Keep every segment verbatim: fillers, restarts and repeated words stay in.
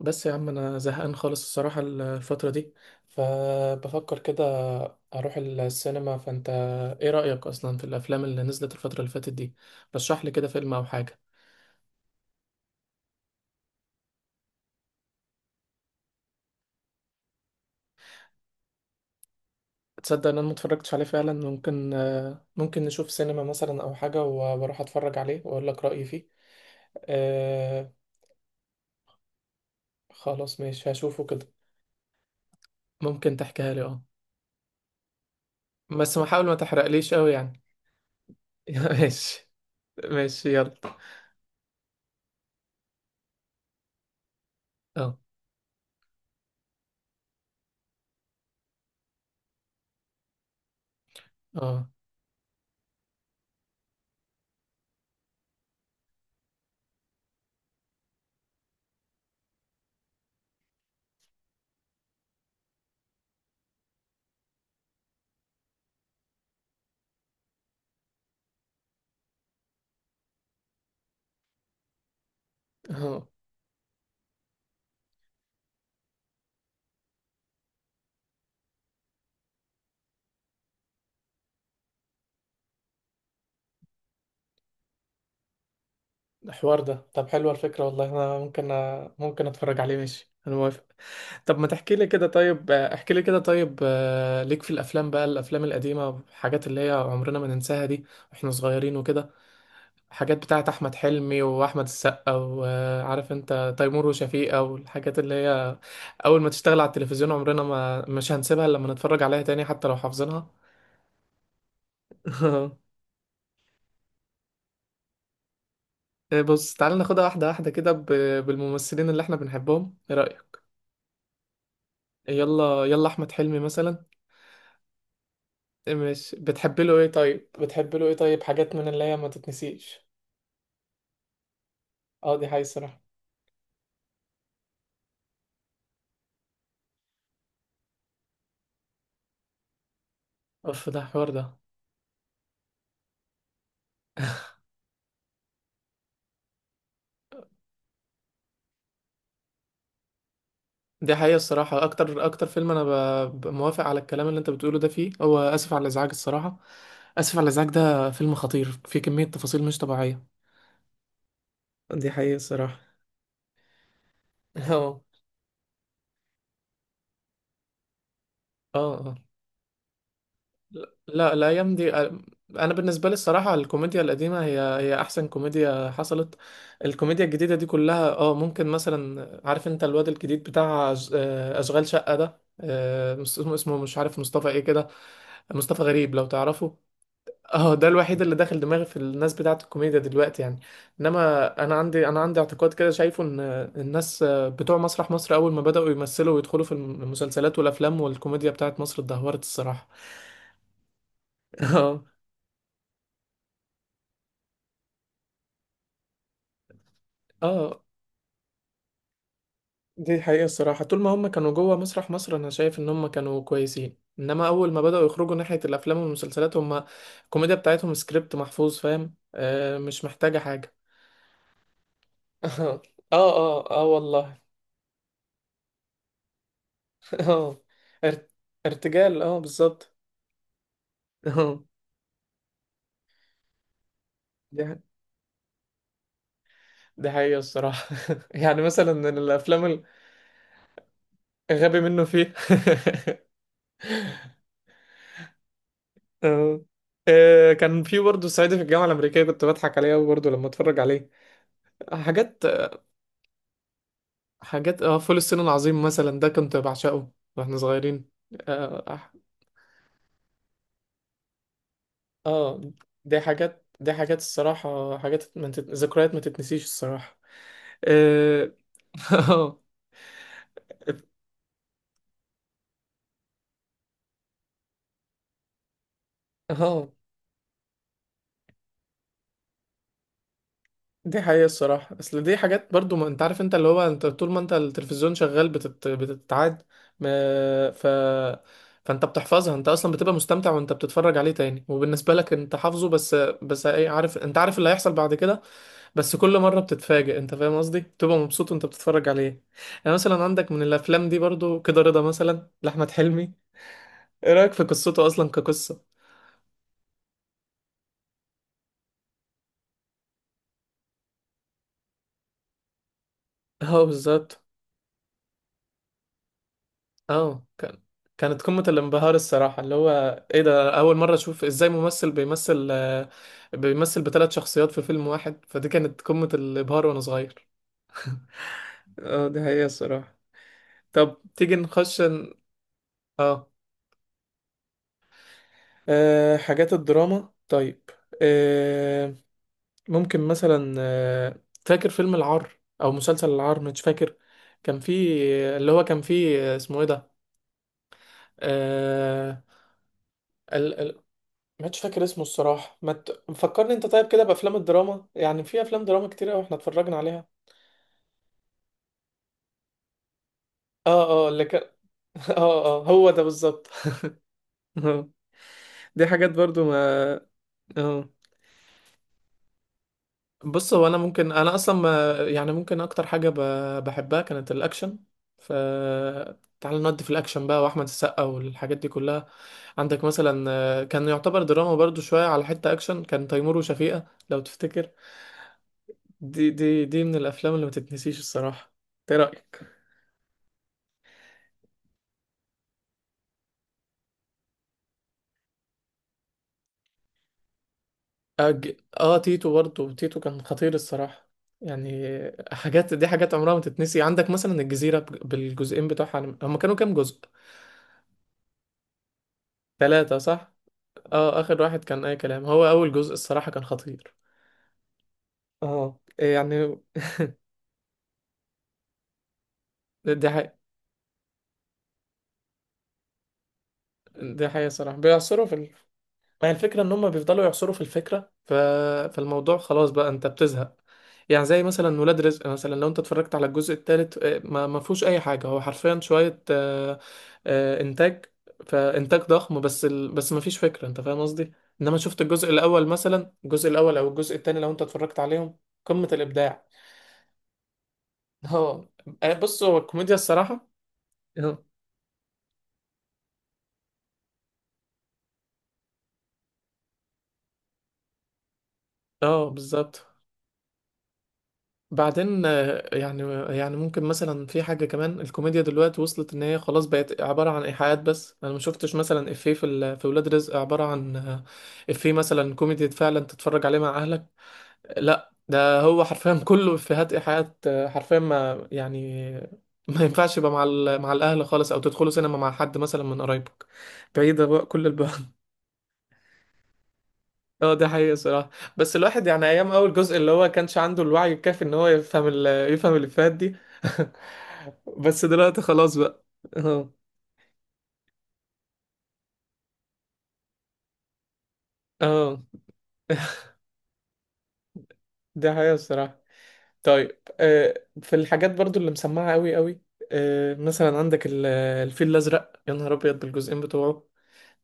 بس يا عم انا زهقان خالص الصراحة الفترة دي، فبفكر كده اروح السينما. فانت ايه رأيك اصلا في الافلام اللي نزلت الفترة اللي فاتت دي؟ رشح لي كده فيلم او حاجة. تصدق ان انا متفرجتش عليه فعلا؟ ممكن آه، ممكن نشوف سينما مثلا او حاجة و- واروح اتفرج عليه واقول لك رأيي فيه. آه. خلاص ماشي هشوفه كده. ممكن تحكيها لي، اه. بس ما حاول ما تحرقليش قوي يعني. ماشي. ماشي يلا. اه، اه، اه. الحوار ده، طب حلوة الفكرة والله، أنا ممكن ممكن أتفرج عليه. ماشي أنا موافق. طب ما تحكي لي كده طيب، آه، احكي لي كده طيب، آه، ليك في الأفلام بقى، الأفلام القديمة الحاجات اللي هي عمرنا ما ننساها دي وإحنا صغيرين وكده. حاجات بتاعة أحمد حلمي وأحمد السقا، وعارف أنت، تيمور وشفيقة والحاجات اللي هي أول ما تشتغل على التلفزيون عمرنا ما مش هنسيبها إلا لما نتفرج عليها تاني حتى لو حافظينها. بص تعالى ناخدها واحدة واحدة كده ب- بالممثلين اللي احنا بنحبهم، ايه رأيك؟ يلا يلا، احمد حلمي مثلا. مش بتحب له ايه طيب؟ بتحب له ايه طيب؟ حاجات من اللي هي ما تتنسيش. اه، دي حقيقة الصراحة. اوف ده الحوار ده. دي حقيقة الصراحة، اكتر اكتر فيلم انا ب... ب- موافق على الكلام اللي انت بتقوله ده، فيه هو اسف على الازعاج الصراحة. اسف على الازعاج ده فيلم خطير فيه كمية تفاصيل مش طبيعية. دي حقيقة الصراحة. اه. اه، لا الايام دي. انا بالنسبه لي الصراحه، الكوميديا القديمه هي هي احسن كوميديا حصلت. الكوميديا الجديده دي كلها اه، ممكن مثلا عارف انت الواد الجديد بتاع أش- آه، اشغال شقه ده، آه، اسمه اسمه مش عارف مصطفى ايه كده. مصطفى غريب لو تعرفه. اه ده الوحيد اللي داخل دماغي في الناس بتاعه الكوميديا دلوقتي يعني. انما انا عندي انا عندي اعتقاد كده شايفه ان الناس بتوع مسرح مصر اول ما بداوا يمثلوا ويدخلوا في المسلسلات والافلام والكوميديا بتاعه مصر اتدهورت الصراحه. اه. اه دي حقيقة الصراحة، طول ما هم كانوا جوه مسرح مصر انا شايف ان هم كانوا كويسين، انما اول ما بدأوا يخرجوا ناحية الافلام والمسلسلات هم الكوميديا بتاعتهم سكريبت محفوظ فاهم آه، مش محتاجة حاجة. اه. اه اه والله. اه. ارت- ارتجال اه بالظبط. اه. دي ح- دي حقيقة الصراحة. يعني مثلا من الافلام، الغبي منه فيه. اه. آه، كان في برضه صعيدي في الجامعة الأمريكية كنت بضحك عليه أوي برضه لما أتفرج عليه. حاجات حاجات، اه، فول الصين العظيم مثلا ده كنت بعشقه واحنا صغيرين. اه أح- آه، دي حاجات دي حاجات الصراحة، حاجات ما تت... ذكريات ما تتنسيش الصراحة. اه. اه. آه، دي حقيقة الصراحة، اصل دي حاجات برضو، ما انت عارف انت اللي هو انت طول ما انت التلفزيون شغال بتت... بتتعاد. ما... ف فانت بتحفظها انت اصلا، بتبقى مستمتع وانت بتتفرج عليه تاني وبالنسبة لك انت حافظه بس. بس إيه، عارف انت عارف اللي هيحصل بعد كده. بس كل مرة بتتفاجئ انت فاهم قصدي بتبقى مبسوط وانت بتتفرج عليه. يعني مثلا عندك من الافلام دي برضو كده رضا مثلا لاحمد حلمي. ايه رأيك في قصته اصلا كقصة؟ اه بالظبط. اه كان. كانت قمة الانبهار الصراحة اللي هو ايه ده، اول مرة اشوف ازاي ممثل بيمثل آه، بيمثل بثلاث شخصيات في فيلم واحد، فدي كانت قمة الابهار وانا صغير. اه دي حقيقة الصراحة. طب تيجي نخش ن- اه. آه، حاجات الدراما طيب. ممكن مثلا، آه، فاكر فيلم العار او مسلسل العار مش فاكر. كان فيه، اللي هو كان فيه آه، اسمه ايه ده؟ آه ال... ال... مش فاكر اسمه الصراحة، ما ت... فكرني انت طيب كده بافلام الدراما، يعني في افلام دراما كتير قوي احنا اتفرجنا عليها. اه، اه اللي كان. اه، اه، هو ده بالظبط. دي حاجات برضو ما. اه بص هو انا ممكن انا اصلا ما- يعني ممكن اكتر حاجه ب- بحبها كانت الاكشن. ف تعال نودي في الاكشن بقى واحمد السقا والحاجات دي كلها. عندك مثلا آه، كان يعتبر دراما برضو شويه على حته اكشن، كان تيمور وشفيقة لو تفتكر. دي دي دي من الافلام اللي ما تتنسيش الصراحه، ايه رايك؟ أج... اه تيتو برضو، تيتو كان خطير الصراحه يعني. حاجات، دي حاجات عمرها ما تتنسي. عندك مثلا الجزيره بج- بالجزئين بتوعها، هم كانوا كام جزء؟ ثلاثه صح. اه، اخر واحد كان اي كلام، هو اول جزء الصراحة كان خطير، اه يعني. دي حقيقة. دي حقيقة صراحة، بيعصروا في ال... ما هي الفكرة ان هم بيفضلوا يعصروا في الفكرة، ف... فالموضوع خلاص بقى انت بتزهق. يعني زي مثلا ولاد رزق مثلا، لو انت اتفرجت على الجزء الثالث، ما ما فيهوش اي حاجة، هو حرفيا شوية آه، آه، انتاج. فانتاج ضخم، بس ال... بس ما فيش فكرة انت فاهم قصدي. انما شفت الجزء الاول مثلا، الجزء الاول او الجزء الثاني لو انت اتفرجت عليهم قمة الابداع. اه. بص هو الكوميديا الصراحة. اه، اه بالظبط. بعدين آه، يعني يعني ممكن مثلا في حاجة كمان، الكوميديا دلوقتي وصلت ان هي خلاص بقت عبارة عن ايحاءات، بس انا ما شفتش مثلا افيه في ال- في ولاد رزق عبارة عن آه، افيه مثلا كوميدي فعلا تتفرج عليه مع اهلك. لا ده هو حرفيا كله افيهات ايحاءات، آه، حرفيا ما يعني ما ينفعش يبقى مع ال- مع الاهل خالص، او تدخلوا سينما مع حد مثلا من قرايبك، بعيدة بقى كل البعد. اه ده حقيقة صراحة. بس الواحد يعني ايام اول جزء اللي هو كانش عنده الوعي الكافي ان هو يفهم ال يفهم الافيهات دي. بس دلوقتي خلاص بقى. اه، اه. ده حقيقة الصراحة. طيب آه في الحاجات برضو اللي مسمعة قوي قوي. آه مثلا، عندك ال- الفيل الازرق يا نهار ابيض بالجزئين بتوعه.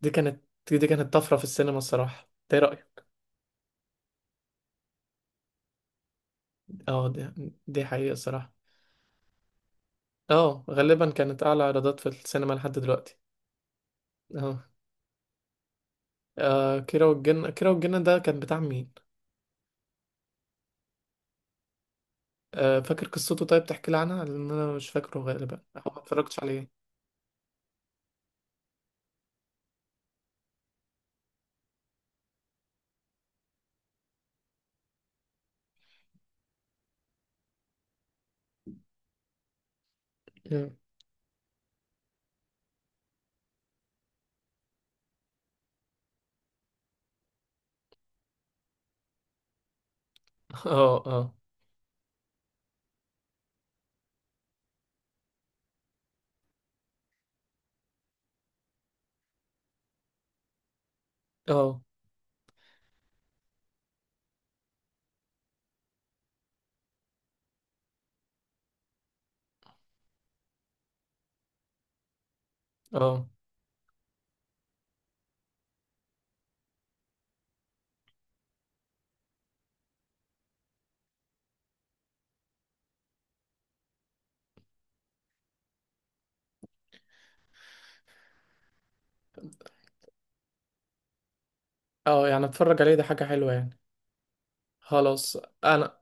دي كانت دي كانت طفرة في السينما الصراحة، ده إيه رأيك؟ اه، دي دي حقيقة الصراحة. اه غالبا كانت اعلى ايرادات في السينما لحد دلوقتي. اه، آه كيرة والجن. كيرة والجن ده كان بتاع مين؟ آه فاكر قصته طيب، تحكي لي عنها لان انا مش فاكره غالبا او ما اتفرجتش عليه. مم. اه، اه، اه، اه، اه، يعني اتفرج عليه ده حاجة حلوة يعني. خلاص. انا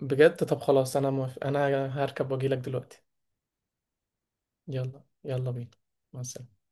بجد، طب خلاص انا موافق، انا هركب واجيلك دلوقتي. يلا يلا بينا. مع السلامة.